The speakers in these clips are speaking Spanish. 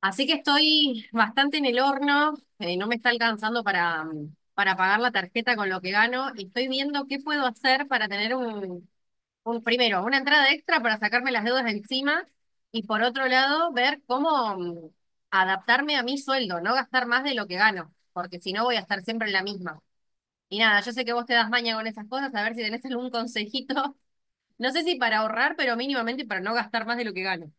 Así que estoy bastante en el horno, no me está alcanzando para, para pagar la tarjeta con lo que gano y estoy viendo qué puedo hacer para tener una entrada extra para sacarme las deudas de encima y por otro lado ver cómo adaptarme a mi sueldo, no gastar más de lo que gano, porque si no voy a estar siempre en la misma. Y nada, yo sé que vos te das maña con esas cosas, a ver si tenés algún consejito, no sé si para ahorrar, pero mínimamente para no gastar más de lo que gano.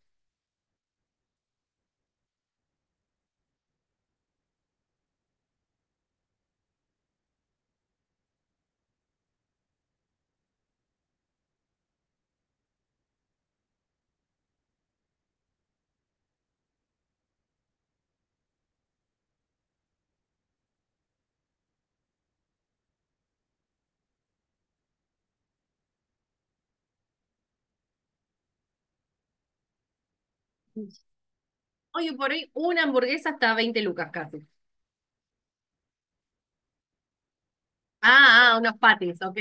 Hoy por hoy una hamburguesa está a 20 lucas casi. Ah, ah, unos patis, ok.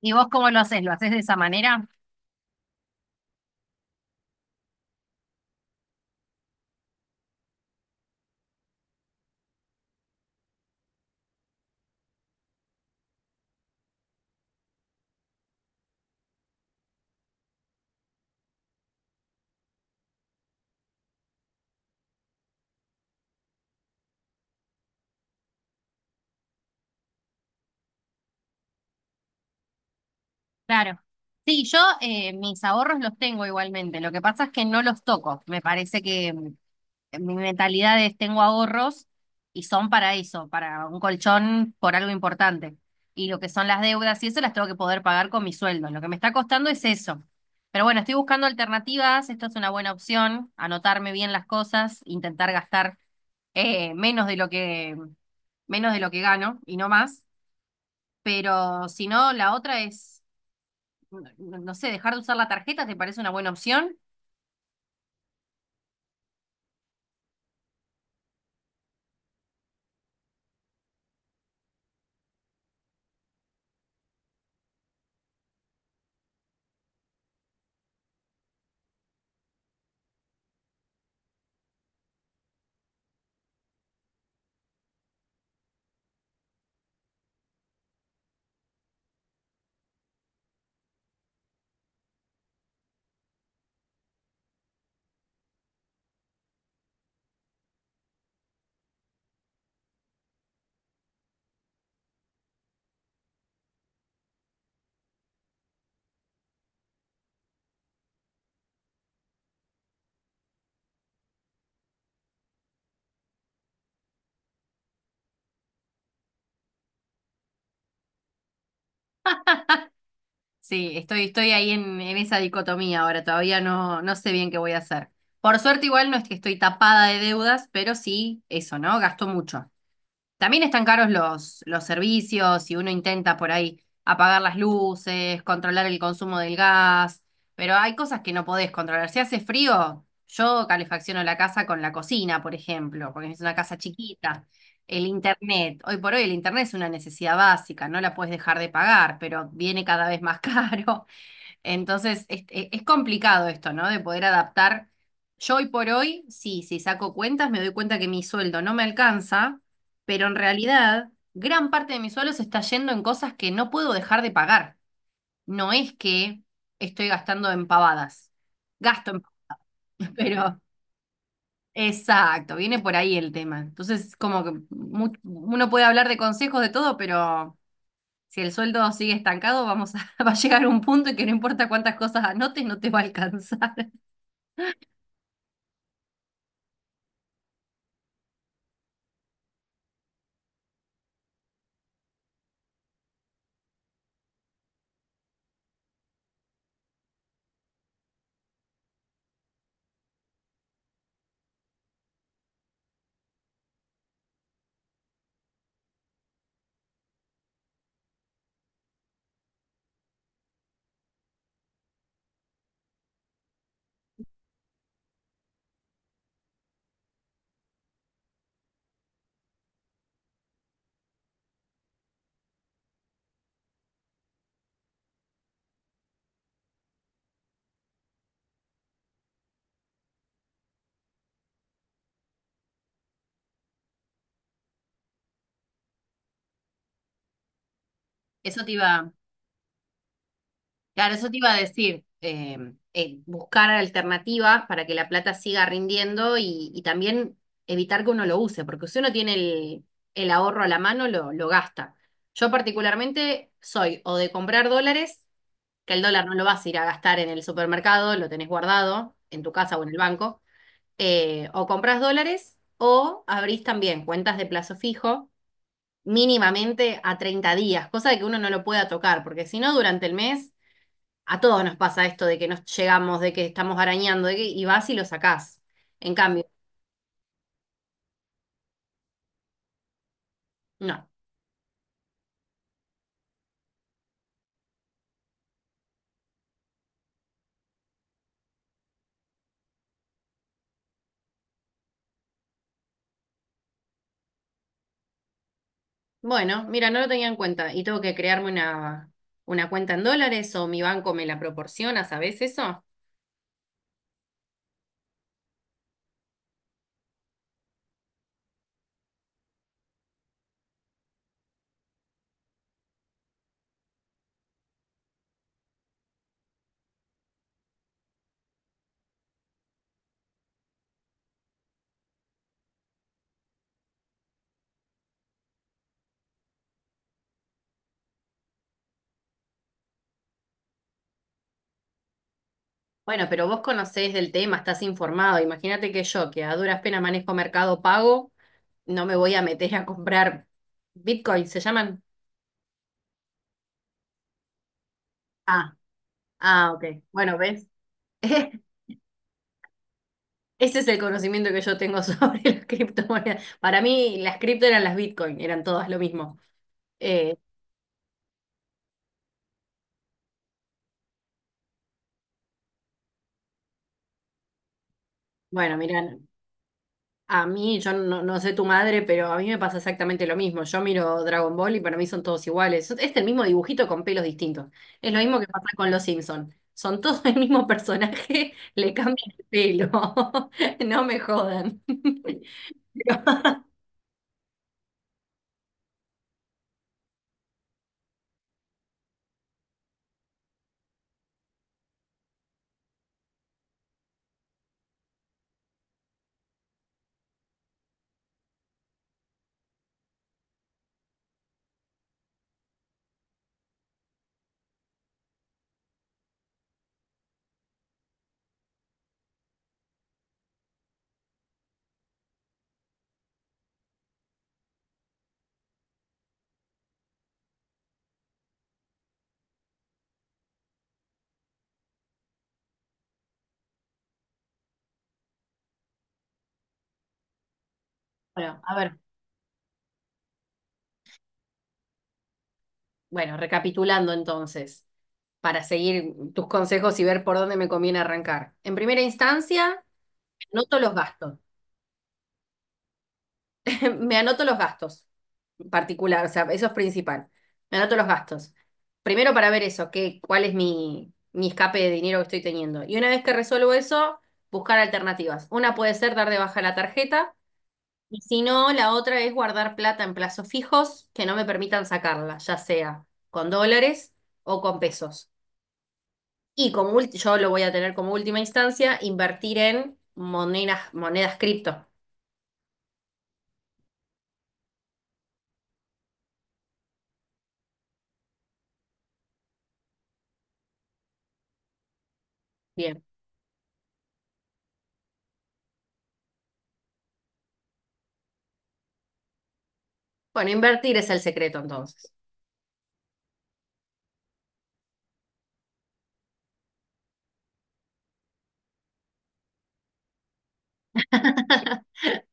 ¿Y vos cómo lo haces? ¿Lo haces de esa manera? Claro. Sí, yo mis ahorros los tengo igualmente. Lo que pasa es que no los toco. Me parece que mi mentalidad es tengo ahorros y son para eso, para un colchón por algo importante. Y lo que son las deudas y eso las tengo que poder pagar con mi sueldo. Lo que me está costando es eso. Pero bueno, estoy buscando alternativas. Esto es una buena opción. Anotarme bien las cosas, intentar gastar menos de lo que menos de lo que gano y no más. Pero si no, la otra es, no sé, dejar de usar la tarjeta, ¿te parece una buena opción? Sí, estoy ahí en esa dicotomía ahora, todavía no, no sé bien qué voy a hacer. Por suerte igual no es que estoy tapada de deudas, pero sí eso, ¿no? Gasto mucho. También están caros los servicios y uno intenta por ahí apagar las luces, controlar el consumo del gas, pero hay cosas que no podés controlar. Si hace frío, yo calefacciono la casa con la cocina, por ejemplo, porque es una casa chiquita. El internet, hoy por hoy el internet es una necesidad básica, no la puedes dejar de pagar, pero viene cada vez más caro. Entonces, es complicado esto, ¿no? De poder adaptar. Yo hoy por hoy, sí, si saco cuentas, me doy cuenta que mi sueldo no me alcanza, pero en realidad, gran parte de mi sueldo se está yendo en cosas que no puedo dejar de pagar. No es que estoy gastando en pavadas. Gasto en pero exacto, viene por ahí el tema. Entonces, como que uno puede hablar de consejos de todo, pero si el sueldo sigue estancado, vamos a, va a llegar un punto en que no importa cuántas cosas anotes, no te va a alcanzar. Eso te iba, claro, eso te iba a decir, buscar alternativas para que la plata siga rindiendo y también evitar que uno lo use, porque si uno tiene el ahorro a la mano, lo gasta. Yo particularmente soy o de comprar dólares, que el dólar no lo vas a ir a gastar en el supermercado, lo tenés guardado en tu casa o en el banco, o compras dólares o abrís también cuentas de plazo fijo mínimamente a 30 días, cosa de que uno no lo pueda tocar, porque si no, durante el mes. A todos nos pasa esto de que nos llegamos, de que estamos arañando, y vas y lo sacás. En cambio, no. Bueno, mira, no lo tenía en cuenta y tengo que crearme una cuenta en dólares o mi banco me la proporciona, ¿sabés eso? Bueno, pero vos conocés del tema, estás informado. Imagínate que yo, que a duras penas manejo Mercado Pago, no me voy a meter a comprar Bitcoin, ¿se llaman? Ah, ah, ok. Bueno, ¿ves? Ese es el conocimiento que yo tengo sobre las criptomonedas. Para mí, las cripto eran las Bitcoin, eran todas lo mismo. Eh, bueno, miran, a mí, yo no, no sé tu madre, pero a mí me pasa exactamente lo mismo. Yo miro Dragon Ball y para mí son todos iguales. Es el mismo dibujito con pelos distintos. Es lo mismo que pasa con los Simpson. Son todos el mismo personaje, le cambian el pelo. No me jodan. Pero, bueno, a ver. Bueno, recapitulando entonces, para seguir tus consejos y ver por dónde me conviene arrancar. En primera instancia, anoto los gastos. Me anoto los gastos en particular, o sea, eso es principal. Me anoto los gastos. Primero para ver eso, cuál es mi escape de dinero que estoy teniendo. Y una vez que resuelvo eso, buscar alternativas. Una puede ser dar de baja la tarjeta, y si no, la otra es guardar plata en plazos fijos que no me permitan sacarla, ya sea con dólares o con pesos. Y como yo lo voy a tener como última instancia, invertir en monedas, monedas cripto. Bien. Bueno, invertir es el secreto entonces.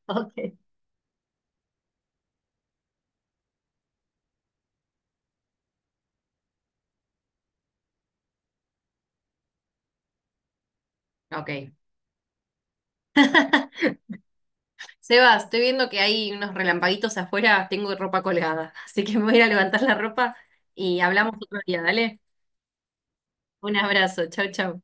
Ok. Ok. Seba, estoy viendo que hay unos relampaguitos afuera, tengo ropa colgada, así que me voy a ir a levantar la ropa y hablamos otro día, dale. Un abrazo, chau, chau.